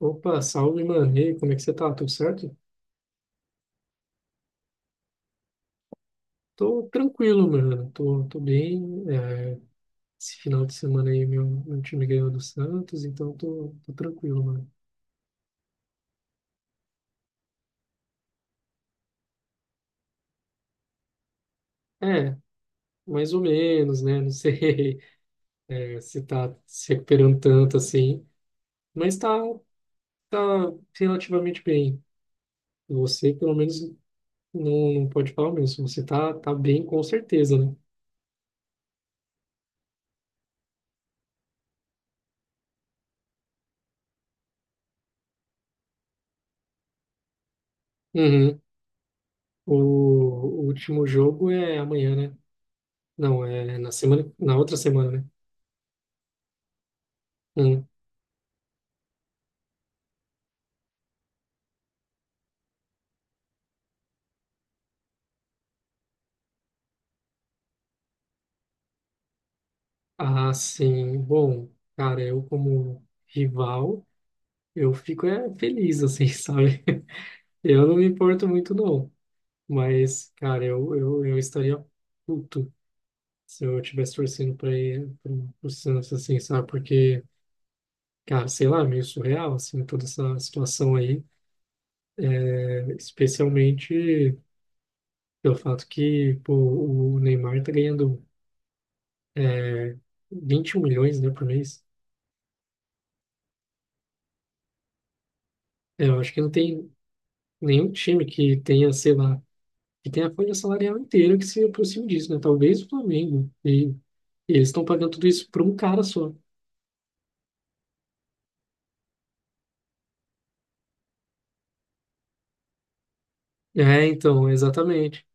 Opa, salve, mano. E aí, como é que você tá? Tudo certo? Tô tranquilo, mano. Tô bem. É, esse final de semana aí, meu time ganhou do Santos, então tô tranquilo, mano. É, mais ou menos, né? Não sei é, se tá se recuperando tanto assim, mas tá relativamente bem. Você, pelo menos, não pode falar o mesmo. Você tá bem, com certeza, né? Uhum. O último jogo é amanhã, né? Não, é na semana, na outra semana, né? Hum. Ah, sim. Bom, cara, eu como rival, eu fico feliz, assim, sabe? Eu não me importo muito, não. Mas, cara, eu estaria puto se eu estivesse torcendo para o Santos, assim, sabe? Porque, cara, sei lá, é meio surreal, assim, toda essa situação aí. Especialmente pelo fato que, pô, o Neymar tá ganhando 21 milhões, né, por mês. É, eu acho que não tem nenhum time que tenha, sei lá, e tem a folha salarial inteira que se aproxima disso, né? Talvez o Flamengo. E eles estão pagando tudo isso para um cara só. É, então, exatamente.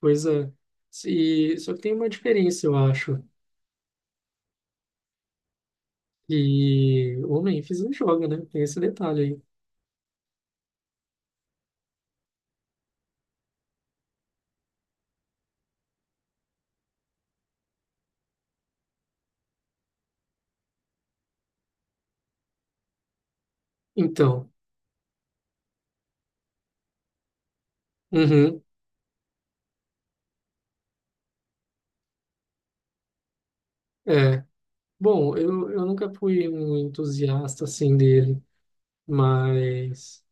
Pois é. E, só que tem uma diferença, eu acho. E o Memphis não joga, né? Tem esse detalhe aí. Então, uhum, é. Bom, eu nunca fui um entusiasta, assim, dele. Mas,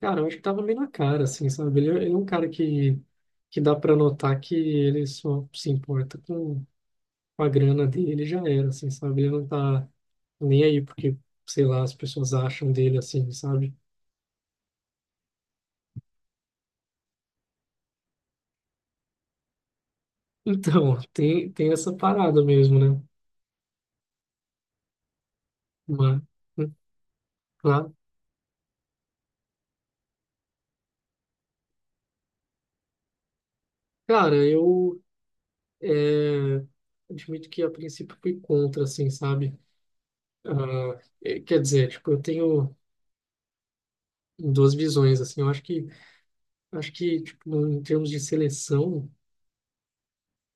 cara, eu acho que tava meio na cara, assim, sabe? Ele é um cara que, dá para notar que ele só se importa com a grana dele já era, assim, sabe? Ele não tá nem aí porque, sei lá, as pessoas acham dele assim, sabe? Então, tem essa parada mesmo, né? Mas, hum, claro. Cara, eu é, admito que a princípio fui contra, assim, sabe? Ah, é, quer dizer, tipo, eu tenho duas visões, assim. Eu acho que, tipo, em termos de seleção,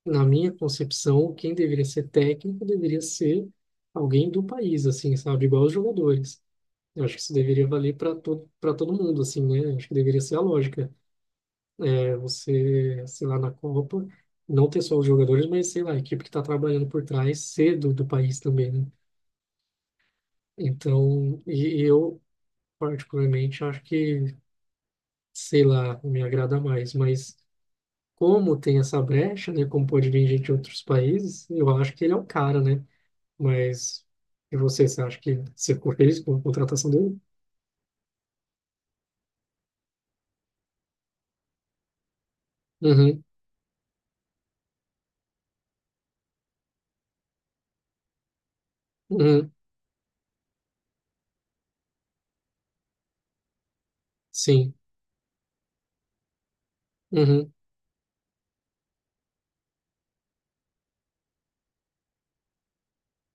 na minha concepção, quem deveria ser técnico deveria ser alguém do país, assim, sabe? Igual os jogadores. Eu acho que isso deveria valer para todo mundo, assim, né? Acho que deveria ser a lógica. É, você, sei lá, na Copa, não ter só os jogadores, mas, sei lá, a equipe que está trabalhando por trás cedo do país também, né? Então, e eu, particularmente, acho que, sei lá, me agrada mais. Mas como tem essa brecha, né? Como pode vir gente de outros países, eu acho que ele é o cara, né? Mas, e você acha que você ficou feliz com a contratação dele? Uhum, uhum, sim, uhum,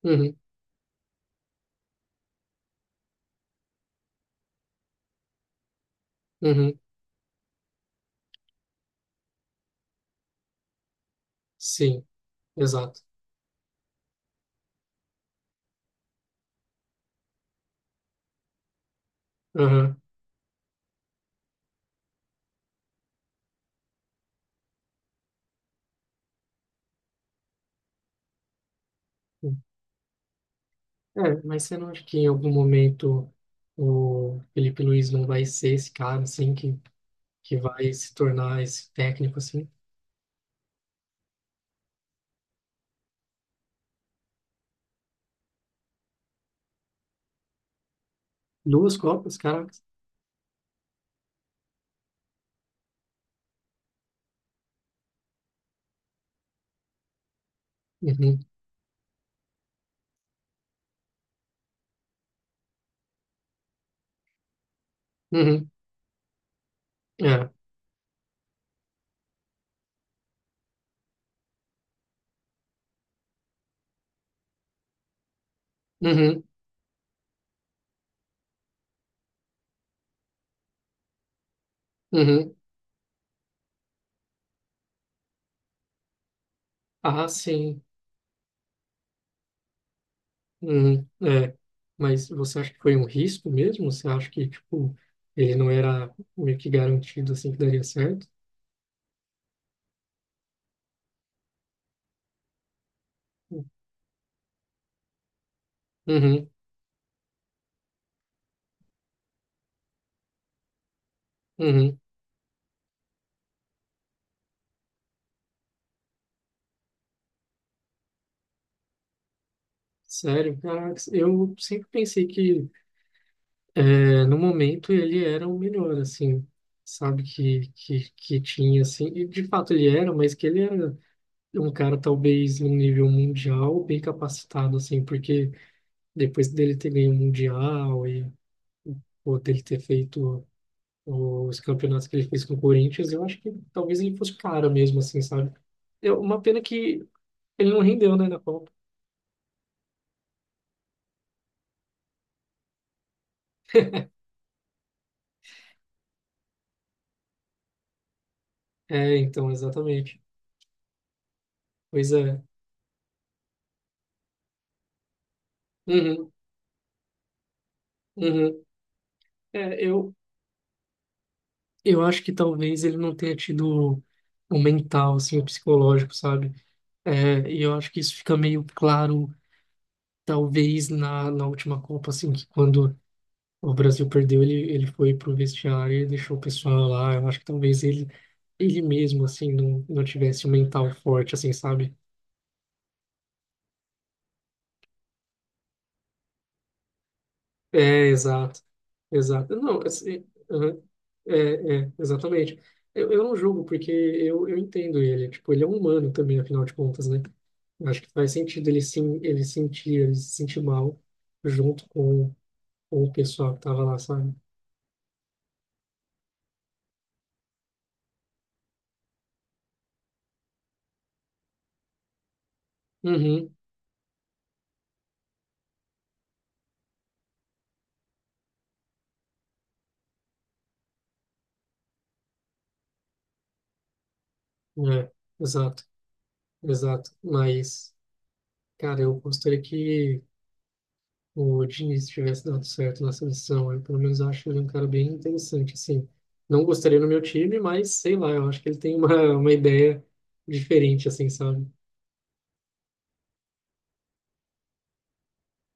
uhum, uhum. Sim, exato. Aham. É, mas você não acha que em algum momento o Felipe Luiz não vai ser esse cara, assim, que vai se tornar esse técnico, assim? Duas Copas, caraca. Uhum, uhum, é, uhum, uhum. Ah, sim, uhum, é. Mas você acha que foi um risco mesmo? Você acha que, tipo, ele não era meio que garantido, assim, que daria certo? Uhum, uhum. Sério, caraca, eu sempre pensei que é, no momento ele era o melhor, assim, sabe, que tinha, assim, e de fato ele era, mas que ele era um cara talvez num nível mundial bem capacitado, assim, porque depois dele ter ganho o Mundial e ou dele ter feito os campeonatos que ele fez com o Corinthians, eu acho que talvez ele fosse o cara mesmo, assim, sabe? Uma pena que ele não rendeu, né, na Copa. É, então, exatamente. Pois é. Uhum, uhum. É, eu acho que talvez ele não tenha tido o mental, assim, o psicológico, sabe? É, e eu acho que isso fica meio claro, talvez, na última Copa, assim, que quando o Brasil perdeu, ele foi pro vestiário e deixou o pessoal lá. Eu acho que talvez ele, ele mesmo, assim, não tivesse o mental forte, assim, sabe? É, exato, exato. Não, assim, aham, é, exatamente. Eu não julgo, porque eu entendo ele. Tipo, ele é um humano também, afinal de contas, né? Eu acho que faz sentido ele sim, ele se sentir mal junto com o pessoal que tava lá, sabe? Uhum, é, exato, exato. Mas, cara, eu gostaria que o Diniz tivesse dado certo na seleção. Eu, pelo menos, acho ele é um cara bem interessante, assim. Não gostaria no meu time, mas sei lá, eu acho que ele tem uma ideia diferente, assim, sabe?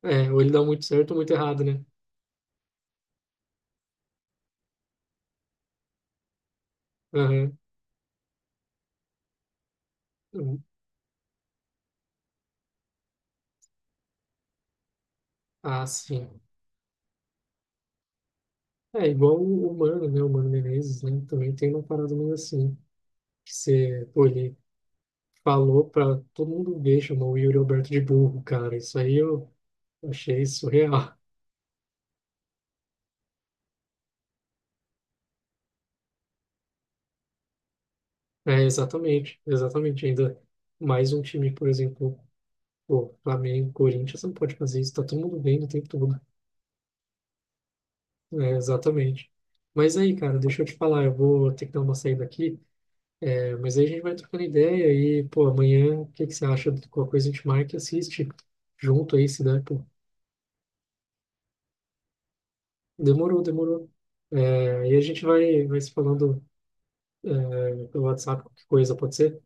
É, ou ele dá muito certo ou muito errado, né? Aham. Ah, sim. É igual o Mano, né? O Mano Menezes, né? Também tem uma parada meio assim, que você, pô, ele falou pra todo mundo ver, chamou o Yuri Alberto de burro, cara. Isso aí eu achei surreal. É, exatamente, exatamente. Ainda mais um time, por exemplo, o Flamengo, Corinthians, não pode fazer isso, tá todo mundo vendo o tempo todo. É, exatamente. Mas aí, cara, deixa eu te falar, eu vou ter que dar uma saída aqui, mas aí a gente vai trocando ideia e, pô, amanhã, o que que você acha de qualquer coisa a gente marca e assiste junto aí, se der, pô. Demorou, demorou. É, e a gente vai se falando, pelo WhatsApp, qualquer coisa, pode ser?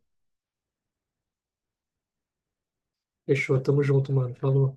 Fechou, tamo junto, mano. Falou.